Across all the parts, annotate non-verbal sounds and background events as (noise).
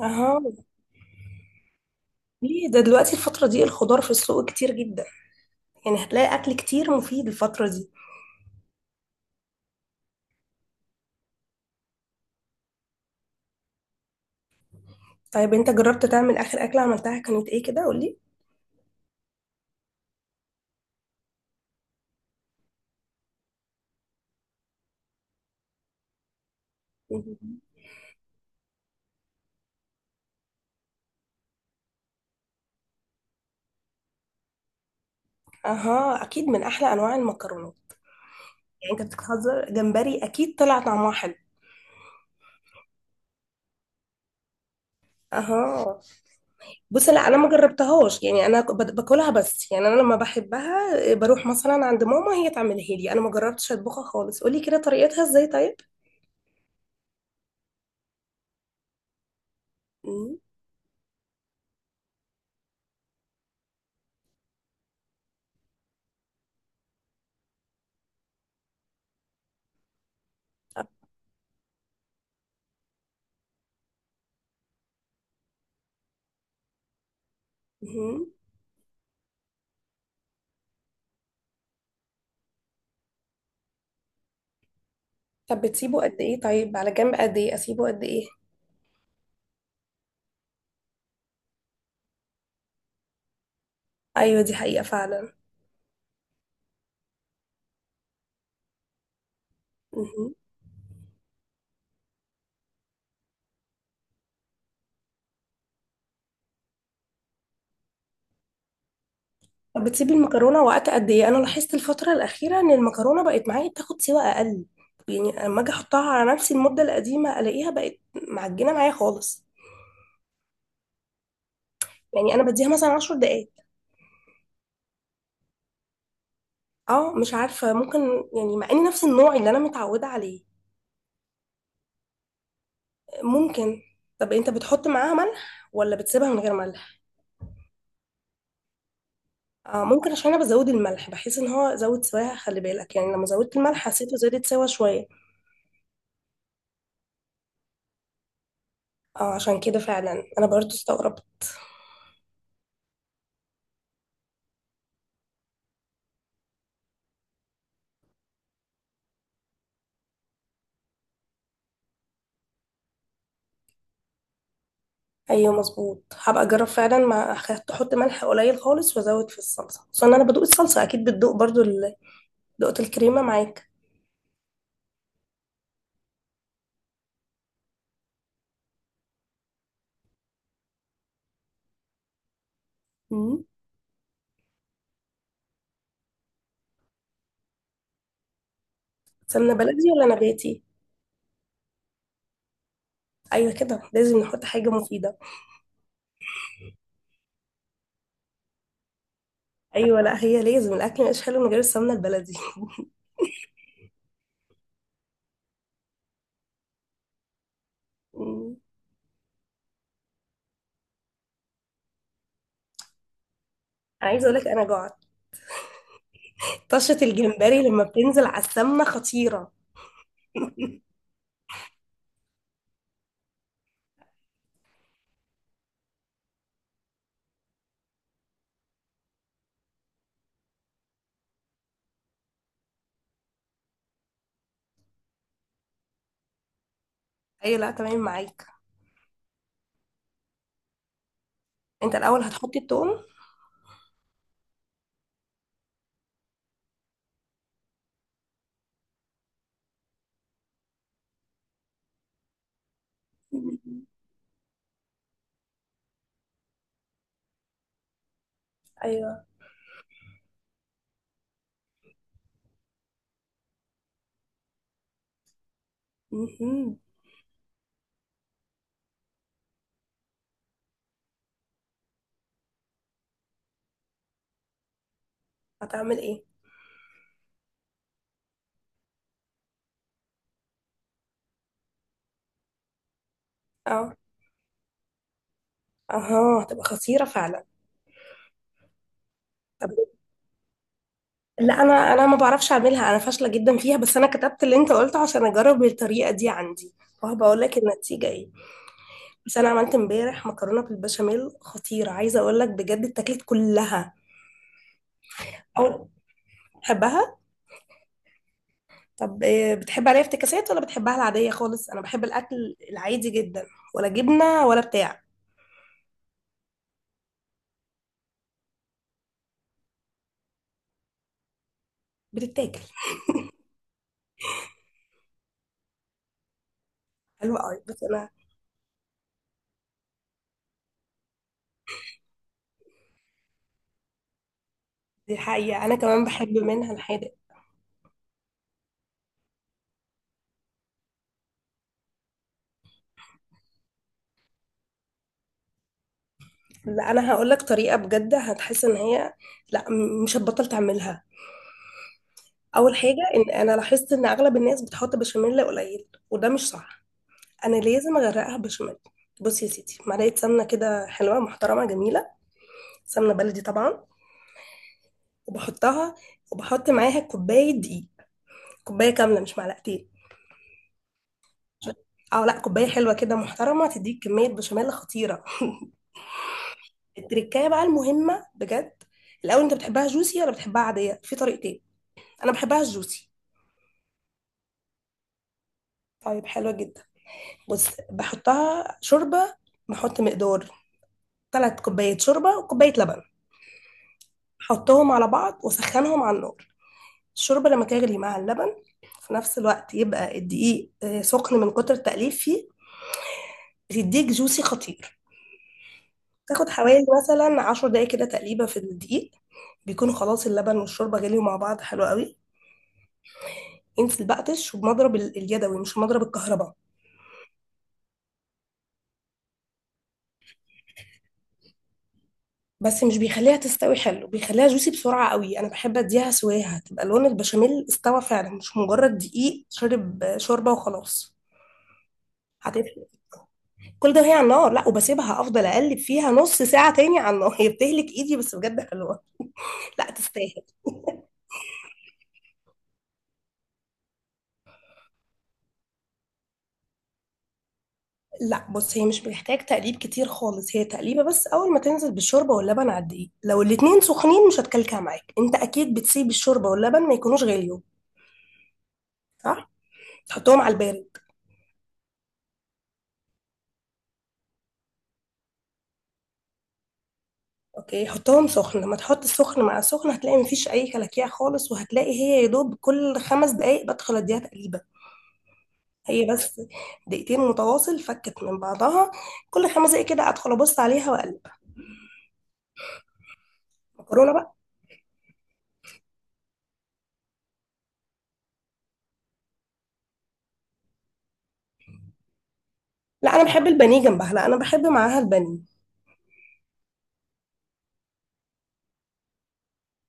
اهو. ليه ده دلوقتي الفترة دي الخضار في السوق كتير جدا؟ يعني هتلاقي اكل كتير مفيد الفترة دي. طيب انت جربت تعمل؟ اخر اكلة عملتها كانت ايه كده؟ قولي. (laughs) اها، اكيد من احلى انواع المكرونات. يعني انت بتهزر جمبري، اكيد طلع طعمها حلو. اها. بص، لا انا ما جربتهاش، يعني انا باكلها بس، يعني انا لما بحبها بروح مثلا عند ماما، هي تعملها لي. انا ما جربتش اطبخها خالص، قولي كده طريقتها ازاي طيب. مم. أه. مم. طب بتسيبه قد ايه؟ طيب على جنب قد ايه اسيبه قد ايه؟ ايوه، دي حقيقة فعلا. مهم. طب بتسيبي المكرونة وقت قد ايه؟ انا لاحظت الفترة الأخيرة ان المكرونة بقت معايا بتاخد سوا اقل، يعني اما اجي احطها على نفسي المدة القديمة الاقيها بقت معجنة معايا خالص. يعني انا بديها مثلا 10 دقايق. اه، مش عارفة، ممكن. يعني مع اني نفس النوع اللي انا متعودة عليه. ممكن. طب انت بتحط معاها ملح ولا بتسيبها من غير ملح؟ اه، ممكن، عشان انا بزود الملح، بحيث ان هو زود سواها. خلي بالك يعني، لما زودت الملح حسيته زادت سوا شوية. اه، عشان كده فعلا انا برضو استغربت. ايوه مظبوط، هبقى اجرب فعلا، ما أخ- احط ملح قليل خالص وازود في الصلصه، اصل انا بدوق الصلصه، اكيد بتدوق برضو دقت الكريمه معاك. مم. سمنه بلدي ولا نباتي؟ ايوه كده، لازم نحط حاجه مفيده. ايوه، لا هي لازم، الاكل مش حلو من غير السمنه البلدي. (laughs) مم. انا عايزه اقول لك، انا جعت. طشه الجمبري لما بتنزل على السمنه خطيره. ايوه، لا تمام معاك. انت الاول هتحطي التوم؟ مم. ايوه. مهم. هتعمل ايه؟ اه. اها، هتبقى خطيره فعلا. لا، انا ما بعرفش اعملها، انا فاشله جدا فيها، بس انا كتبت اللي انت قلته عشان اجرب الطريقه دي عندي، وهبقى اقول لك النتيجه ايه. بس انا عملت امبارح مكرونه بالبشاميل خطيره، عايزه اقول لك بجد اتاكلت كلها. او. بتحبها؟ طب بتحب عليها افتكاسات ولا بتحبها العاديه خالص؟ انا بحب الاكل العادي جدا، ولا جبنه ولا بتاع. بتتاكل. حلوه قوي بس انا. دي حقيقه، انا كمان بحب منها الحادق. لا انا هقول لك طريقه بجد، هتحس ان هي، لا مش هتبطل تعملها. اول حاجه، ان انا لاحظت ان اغلب الناس بتحط بشاميل قليل، وده مش صح. انا لازم اغرقها بشاميل. بصي يا سيدي، معلقه سمنه كده حلوه محترمه جميله، سمنه بلدي طبعا، وبحطها، وبحط معاها كوبايه دقيق، كوبايه كامله مش معلقتين. اه لا، كوبايه حلوه كده محترمه، تديك كميه بشاميل خطيره. التركايه بقى المهمه بجد. الاول انت بتحبها جوسي ولا بتحبها عاديه؟ في طريقتين، انا بحبها جوسي. طيب حلوه جدا. بص، بحطها شوربه. بحط مقدار 3 كوبايات شوربة وكوباية لبن. حطهم على بعض وسخنهم على النار. الشوربة لما تغلي مع اللبن في نفس الوقت، يبقى الدقيق سخن من كتر التقليب فيه، بتديك جوسي خطير. تاخد حوالي مثلا 10 دقايق كده تقليبة في الدقيق، بيكون خلاص اللبن والشوربة غليوا مع بعض حلو قوي. انزل بقتش، وبمضرب اليدوي، مش مضرب الكهرباء. بس مش بيخليها تستوي حلو، بيخليها جوسي بسرعة قوي. انا بحب اديها سواها، تبقى لون البشاميل استوى فعلا، مش مجرد دقيق شرب شوربة وخلاص. هتفرق. كل ده وهي على النار؟ لا، وبسيبها، افضل اقلب فيها نص ساعه تاني على النار. (laughs) هي بتهلك ايدي، بس بجد حلوه. لا تستاهل. لا، بص، هي مش محتاج تقليب كتير خالص، هي تقليبه بس اول ما تنزل بالشوربه واللبن على الدقيق لو الاتنين سخنين، مش هتكلكع معاك. انت اكيد بتسيب الشوربه واللبن ما يكونوش غاليين، صح؟ تحطهم على البارد؟ اوكي، حطهم سخن، لما تحط السخن مع السخن هتلاقي مفيش اي كلاكيع خالص، وهتلاقي هي يا دوب كل 5 دقايق بدخل اديها تقليبه. هي بس دقيقتين متواصل فكت من بعضها. كل خمس دقايق كده ادخل ابص عليها واقلب. مكرونه بقى. لا انا بحب البانيه جنبها، لا انا بحب معاها البانيه.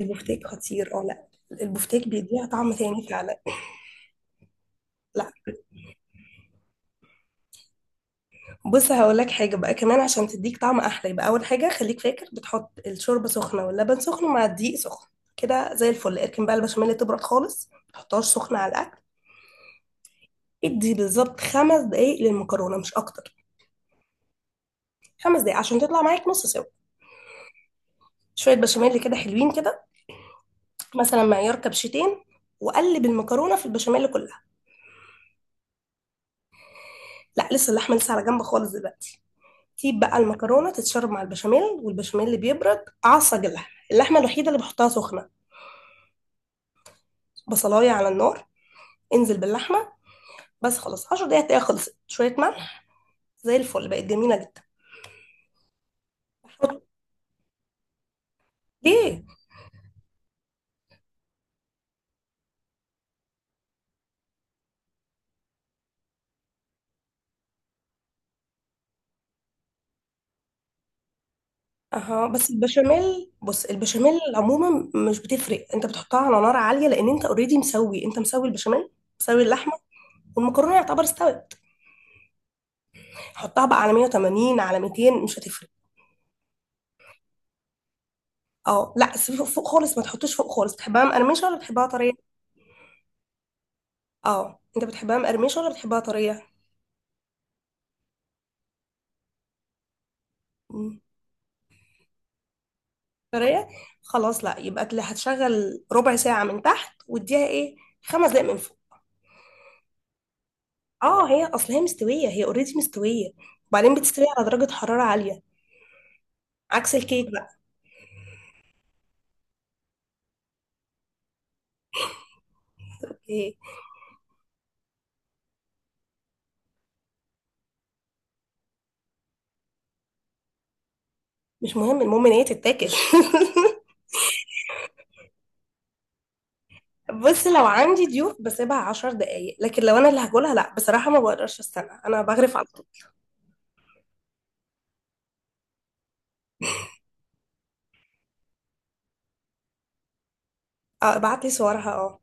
البفتيك خطير، اه لا، البفتيك بيديها طعم تاني فعلا. لا بص، هقول لك حاجه بقى كمان عشان تديك طعم احلى. يبقى اول حاجه، خليك فاكر بتحط الشوربه سخنه واللبن سخن مع الدقيق سخن، كده زي الفل. اركن بقى البشاميل تبرد خالص، ما تحطهاش سخنه على الاكل. ادي بالظبط 5 دقايق للمكرونه، مش اكتر. 5 دقايق عشان تطلع معاك نص سوا. شويه بشاميل كده حلوين كده، مثلا معيار كبشتين، وقلب المكرونه في البشاميل كلها. لا لسه، اللحمه لسه على جنب خالص دلوقتي. سيب بقى المكرونه تتشرب مع البشاميل، والبشاميل اللي بيبرد. اعصج اللحمه، اللحمه الوحيده اللي بحطها سخنه. بصلايه على النار، انزل باللحمه بس، خلاص 10 دقايق هتلاقيها خلصت، شويه ملح، زي الفل، بقت جميله جدا. بحط. ليه؟ اها، بس البشاميل، بص البشاميل عموما مش بتفرق، انت بتحطها على نار عاليه، لان انت اوريدي مسوي، انت مسوي البشاميل، مسوي اللحمه، والمكرونه يعتبر استوت. حطها بقى على 180 على 200، مش هتفرق. اه لا، سيب فوق، فوق خالص ما تحطوش فوق خالص. بتحبها مقرمشه ولا بتحبها طريه؟ اه، انت بتحبها مقرمشه ولا بتحبها طريه؟ مم. طريه. خلاص لا، يبقى هتشغل ربع ساعه من تحت، واديها ايه، 5 دقايق من فوق. اه، هي اصل هي مستويه، هي اوريدي مستويه، وبعدين بتستوي على درجه حراره عاليه، عكس الكيك بقى. إيه. مش مهم، المهم ان هي تتاكل. (laughs) بص، لو عندي ضيوف بسيبها 10 دقايق، لكن لو انا اللي هاكلها لا، بصراحه ما بقدرش استنى، انا بغرف على طول. اه ابعت لي صورها، اه.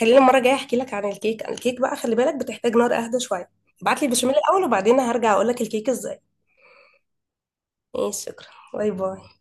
خليني المره الجايه احكي لك عن الكيك. الكيك بقى خلي بالك، بتحتاج نار اهدى شويه. ابعت لي البشاميل الاول، وبعدين هرجع اقول لك الكيك ازاي. ماشي، شكرا. باي باي.